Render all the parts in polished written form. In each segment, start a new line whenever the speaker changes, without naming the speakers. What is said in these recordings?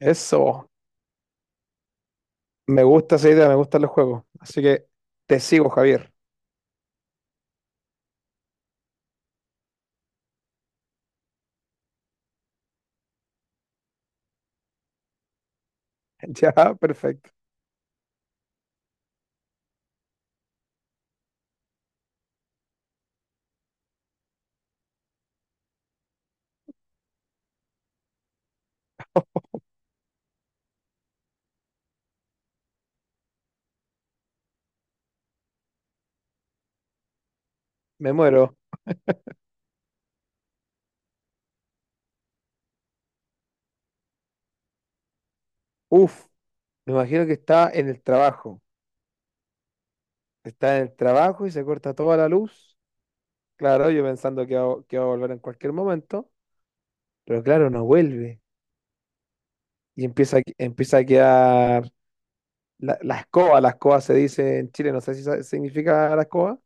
Eso. Me gusta esa idea, me gustan los juegos. Así que te sigo, Javier. Ya, perfecto. Me muero. Uf, me imagino que está en el trabajo. Está en el trabajo y se corta toda la luz. Claro, yo pensando que va a volver en cualquier momento. Pero claro, no vuelve. Y empieza a quedar la escoba. La escoba se dice en Chile, no sé si significa la escoba.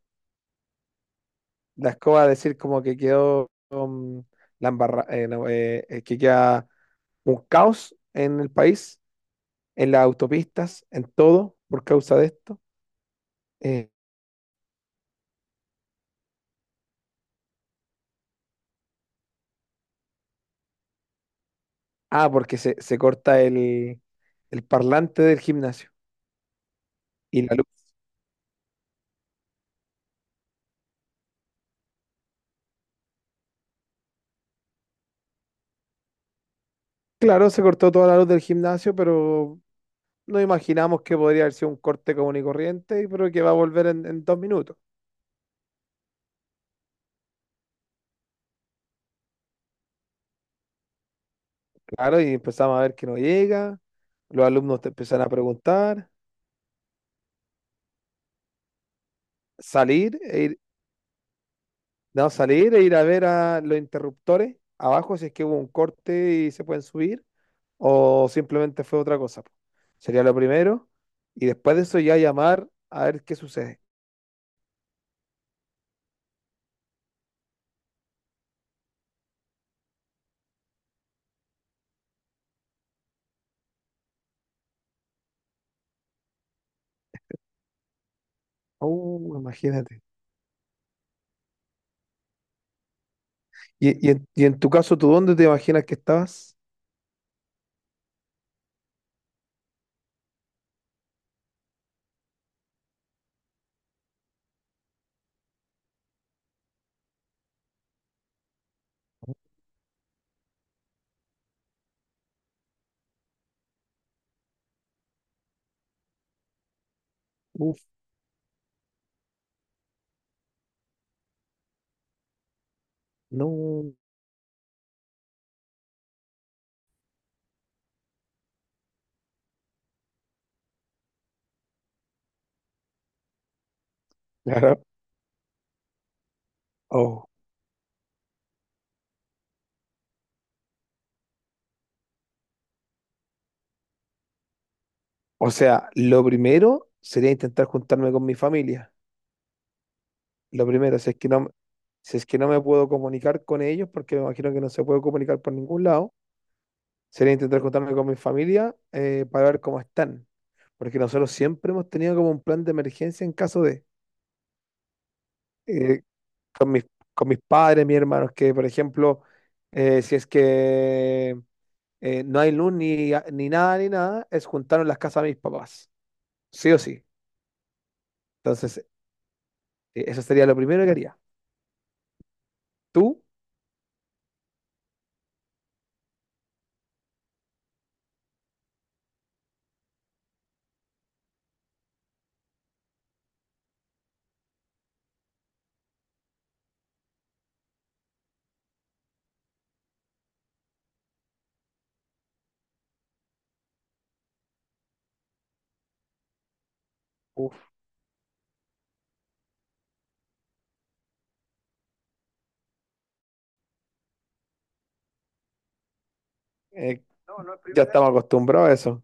La escoba decir como que quedó, la embarra- no, que queda un caos en el país en las autopistas, en todo, por causa de esto. Eh, porque se corta el parlante del gimnasio y la luz. Claro, se cortó toda la luz del gimnasio, pero no imaginamos que podría haber sido un corte común y corriente, pero que va a volver en dos minutos. Claro, y empezamos a ver que no llega, los alumnos te empiezan a preguntar, salir e ir, no, salir e ir a ver a los interruptores abajo si es que hubo un corte y se pueden subir, o simplemente fue otra cosa. Po. Sería lo primero y después de eso ya llamar a ver qué sucede. Oh, imagínate. Y en tu caso, ¿tú dónde te imaginas que estabas? Uf, no. Claro. Oh. O sea, lo primero sería intentar juntarme con mi familia. Lo primero, si es que no, si es que no me puedo comunicar con ellos, porque me imagino que no se puede comunicar por ningún lado, sería intentar juntarme con mi familia para ver cómo están. Porque nosotros siempre hemos tenido como un plan de emergencia en caso de... eh, con mis, con mis padres, mis hermanos, que por ejemplo, si es que no hay luz ni nada, ni nada, es juntarnos las casas de mis papás, sí o sí. Entonces, eso sería lo primero que haría. ¿Tú? Uf, eh, ya estamos acostumbrados a eso.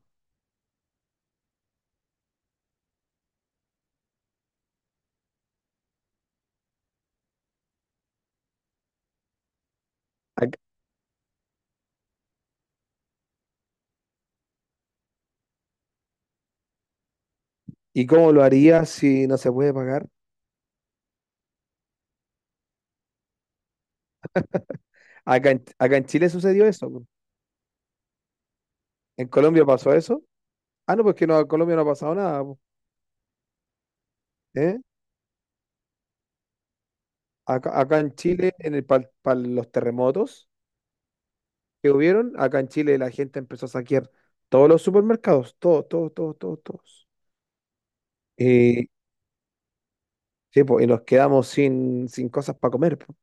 Ac- ¿Y cómo lo harías si no se puede pagar? Acá en Chile sucedió eso. Po. ¿En Colombia pasó eso? Ah, no, pues que no, en Colombia no ha pasado nada. Po. ¿Eh? Acá en Chile, en el, para los terremotos, que hubieron, acá en Chile la gente empezó a saquear todos los supermercados, todos, todos, todos, todos, todos. Y, sí, po, y nos quedamos sin cosas para comer, po,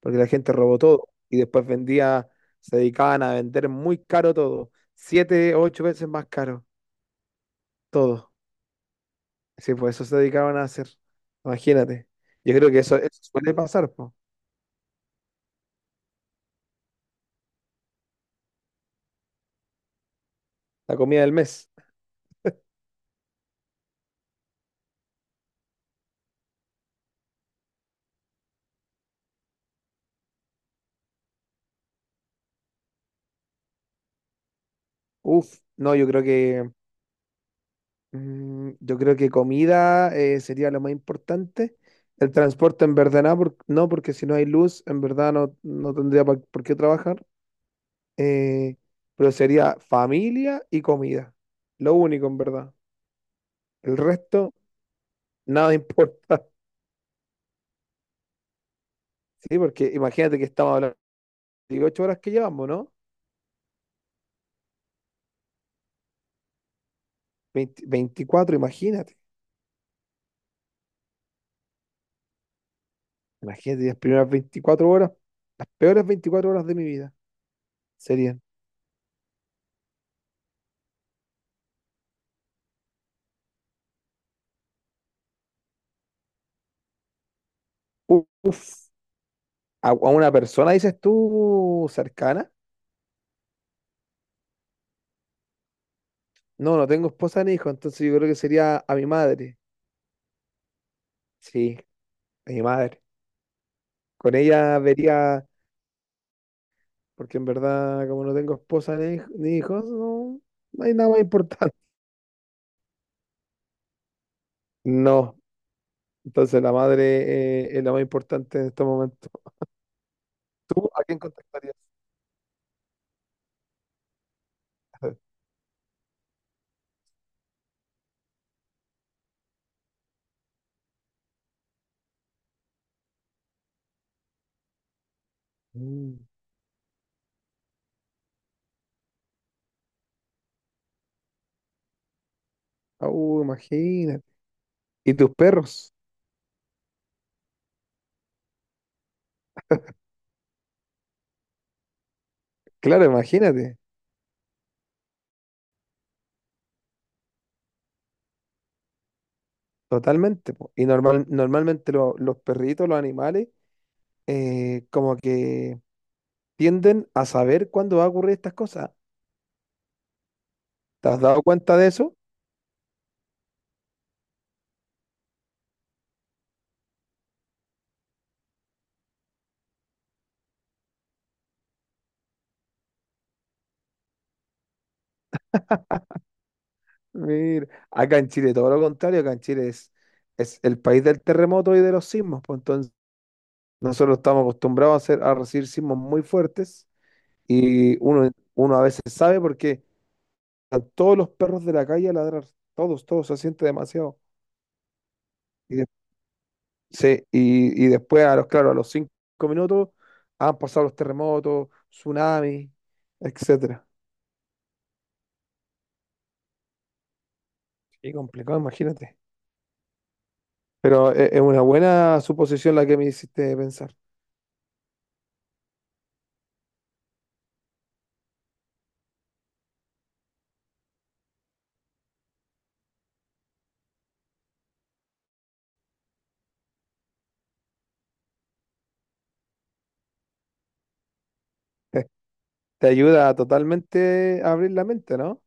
porque la gente robó todo y después vendía, se dedicaban a vender muy caro todo, siete, ocho veces más caro todo. Sí, pues eso se dedicaban a hacer, imagínate. Yo creo que eso suele pasar, po, la comida del mes. Uf, no, yo creo que Mm, yo creo que comida sería lo más importante. El transporte en verdad no, no, porque si no hay luz, en verdad no, no tendría por qué trabajar. Eh, pero sería familia y comida. Lo único, en verdad. El resto, nada importa. Sí, porque imagínate que estamos hablando de 18 horas que llevamos, ¿no? 20, 24 imagínate. Imagínate las primeras 24 horas, las peores 24 horas de mi vida serían. Uf, a una persona, dices tú, cercana. No, no tengo esposa ni hijo, entonces yo creo que sería a mi madre. Sí, a mi madre. Con ella vería, porque en verdad, como no tengo esposa ni hijos, no, no hay nada más importante. No, entonces la madre es la más importante en este momento. ¿Tú a quién contactarías? Mm. Ah, uh, imagínate. ¿Y tus perros? Claro, imagínate. Totalmente. Po. Y normal, normalmente los perritos, los animales, como que tienden a saber cuándo va a ocurrir estas cosas. ¿Te has dado cuenta de eso? Mira, acá en Chile todo lo contrario, acá en Chile es el país del terremoto y de los sismos, pues entonces nosotros estamos acostumbrados a, hacer, a recibir sismos muy fuertes y uno, uno a veces sabe porque están todos los perros de la calle a ladrar, todos, todos, se siente demasiado. Y, de- sí, y después, a los, claro, a los 5 minutos han pasado los terremotos, tsunamis, etcétera. Y complicado, imagínate. Pero es una buena suposición la que me hiciste pensar. Eh, Te ayuda totalmente a abrir la mente, ¿no?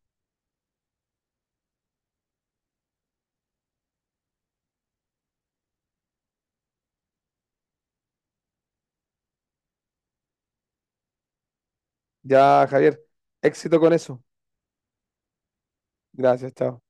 Ya, Javier, éxito con eso. Gracias, chao.